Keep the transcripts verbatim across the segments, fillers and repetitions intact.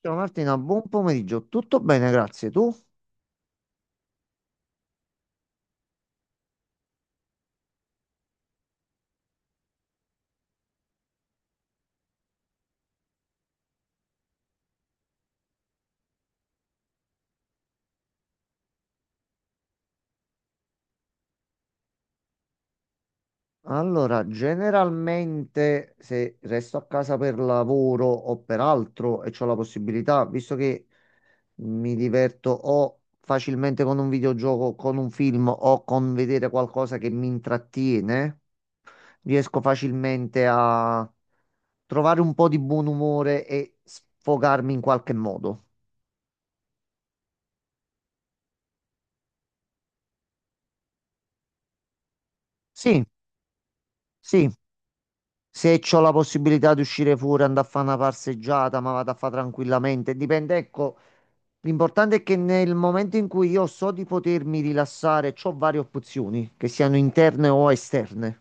Ciao Martina, buon pomeriggio. Tutto bene, grazie. Tu? Allora, generalmente se resto a casa per lavoro o per altro e ho la possibilità, visto che mi diverto o facilmente con un videogioco, con un film o con vedere qualcosa che mi intrattiene, riesco facilmente a trovare un po' di buon umore e sfogarmi in qualche modo. Sì, sì. Se ho la possibilità di uscire fuori, andare a fare una passeggiata, ma vado a fare tranquillamente. Dipende, ecco, l'importante è che nel momento in cui io so di potermi rilassare, ho varie opzioni, che siano interne o esterne.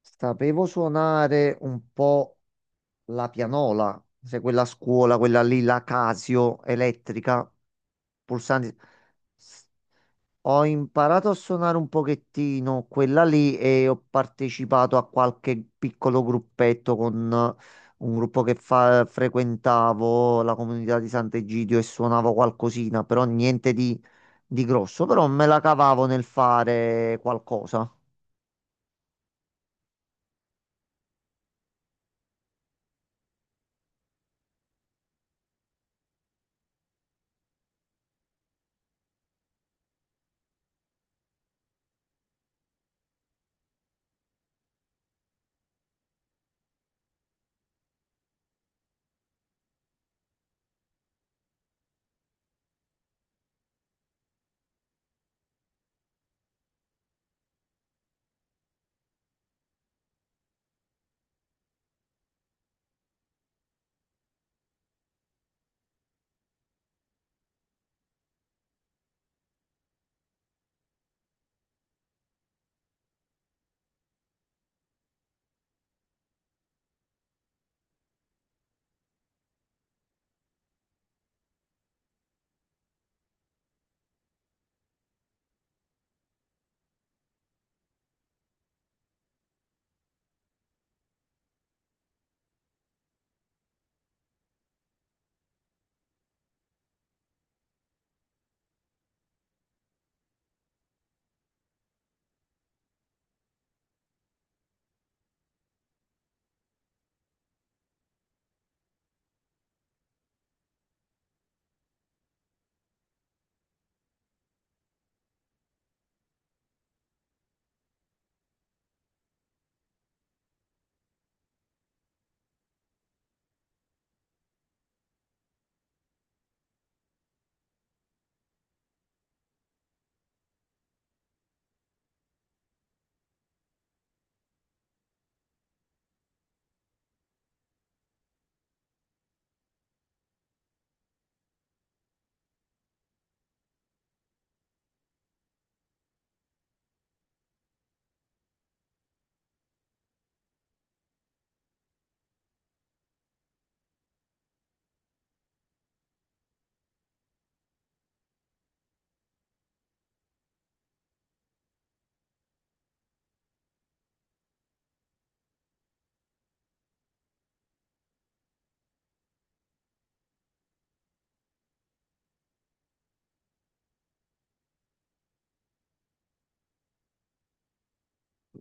Sapevo suonare un po' la pianola, se quella a scuola, quella lì, la Casio elettrica, pulsanti. Ho imparato a suonare un pochettino quella lì e ho partecipato a qualche piccolo gruppetto con eh, un gruppo che fa- frequentavo, la comunità di Sant'Egidio e suonavo qualcosina, però niente di, di grosso, però me la cavavo nel fare qualcosa.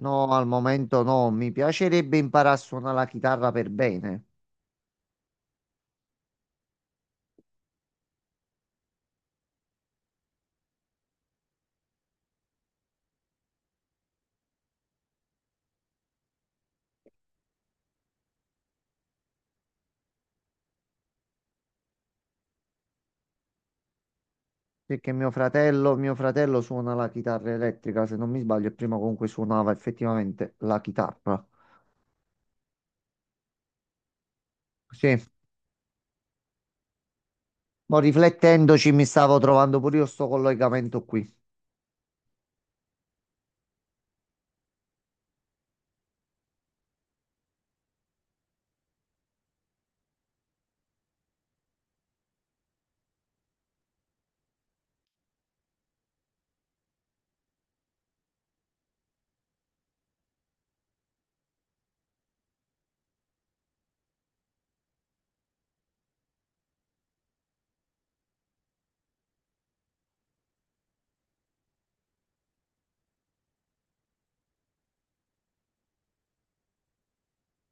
No, al momento no, mi piacerebbe imparare a suonare la chitarra per bene, perché mio fratello, mio fratello suona la chitarra elettrica, se non mi sbaglio, e prima comunque suonava effettivamente la chitarra. Sì. Mo' riflettendoci mi stavo trovando pure io sto collegamento qui.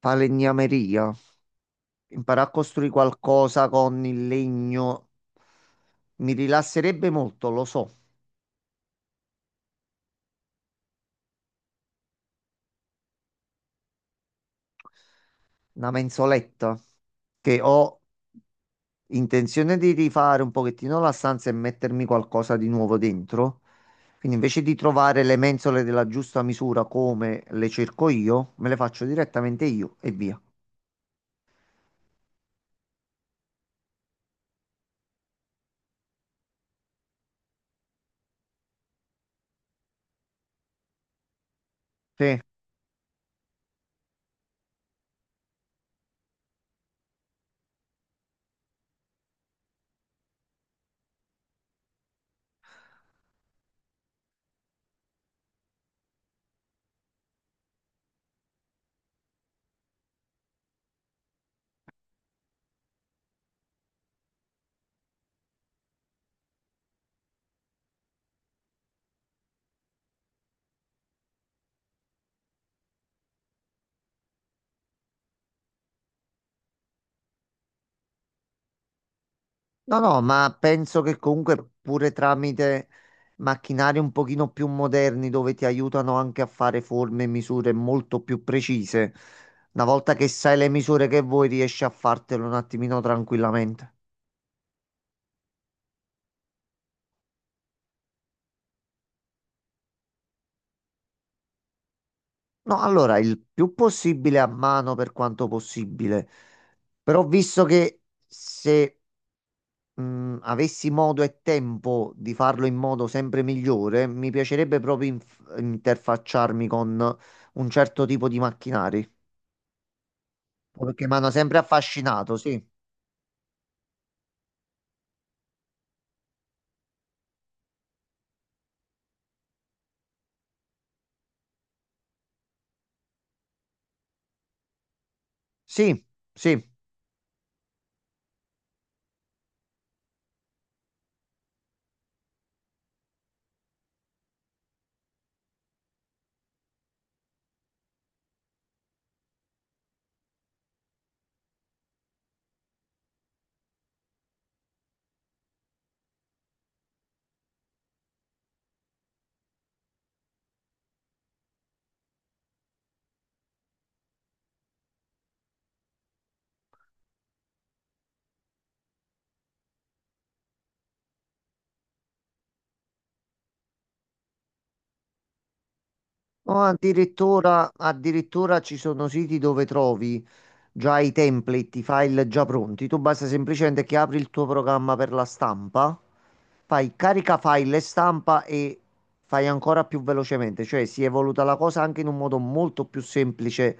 Falegnameria. Imparare a costruire qualcosa con il legno mi rilasserebbe molto, lo so. Una mensoletta che ho intenzione di rifare un pochettino la stanza e mettermi qualcosa di nuovo dentro. Quindi invece di trovare le mensole della giusta misura come le cerco io, me le faccio direttamente io e via. Sì. No, no, ma penso che comunque pure tramite macchinari un pochino più moderni dove ti aiutano anche a fare forme e misure molto più precise, una volta che sai le misure che vuoi riesci a fartelo un attimino tranquillamente. No, allora il più possibile a mano per quanto possibile, però visto che se mh, avessi modo e tempo di farlo in modo sempre migliore, mi piacerebbe proprio inf- interfacciarmi con un certo tipo di macchinari. Perché mi hanno sempre affascinato, sì. Sì, sì. O addirittura, addirittura ci sono siti dove trovi già i template, i file già pronti. Tu basta semplicemente che apri il tuo programma per la stampa, fai carica file e stampa e fai ancora più velocemente. Cioè si è evoluta la cosa anche in un modo molto più semplice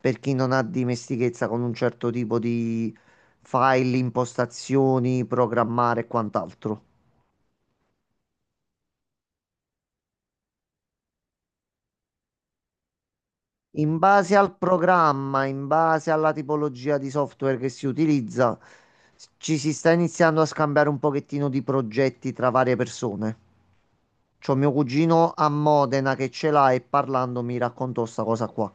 per chi non ha dimestichezza con un certo tipo di file, impostazioni, programmare e quant'altro. In base al programma, in base alla tipologia di software che si utilizza, s- ci si sta iniziando a scambiare un pochettino di progetti tra varie persone. C'ho mio cugino a Modena che ce l'ha e parlando mi raccontò sta cosa qua.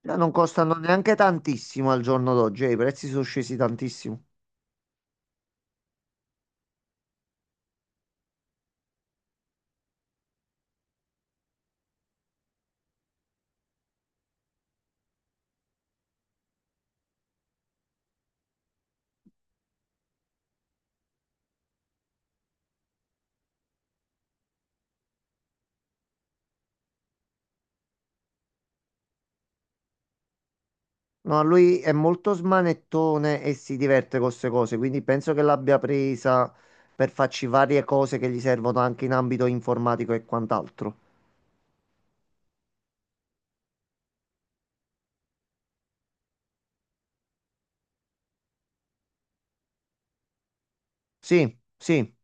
Eh, Non costano neanche tantissimo al giorno d'oggi, eh, i prezzi sono scesi tantissimo. No, lui è molto smanettone e si diverte con queste cose, quindi penso che l'abbia presa per farci varie cose che gli servono anche in ambito informatico e quant'altro. Sì, sì,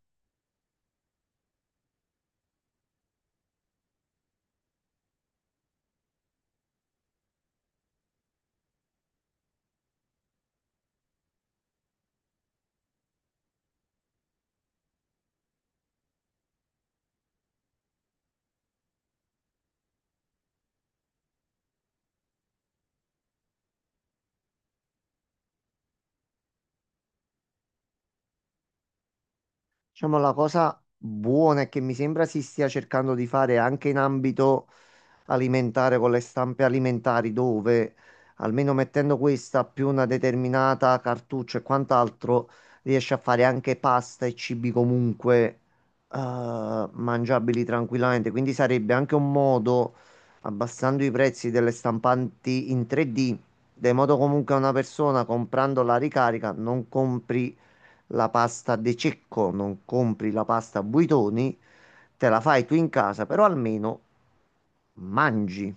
diciamo la cosa buona è che mi sembra si stia cercando di fare anche in ambito alimentare con le stampe alimentari dove almeno mettendo questa più una determinata cartuccia e quant'altro riesce a fare anche pasta e cibi comunque eh, mangiabili tranquillamente. Quindi sarebbe anche un modo, abbassando i prezzi delle stampanti in tre D, de modo comunque a una persona comprando la ricarica non compri la pasta De Cecco, non compri la pasta Buitoni, te la fai tu in casa, però almeno mangi.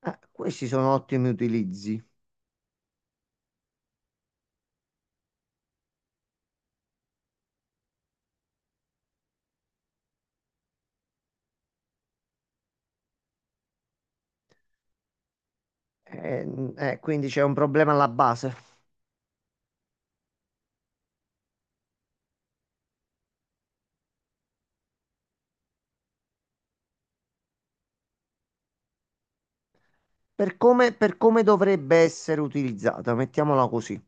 Eh, questi sono ottimi utilizzi. Eh, eh, quindi c'è un problema alla base. Per come, per come dovrebbe essere utilizzata, mettiamola così.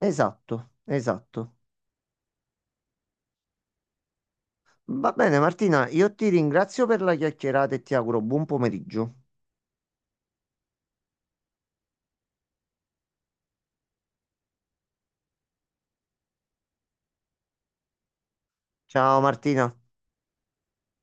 Esatto, esatto. Va bene Martina, io ti ringrazio per la chiacchierata e ti auguro buon pomeriggio. Ciao Martina.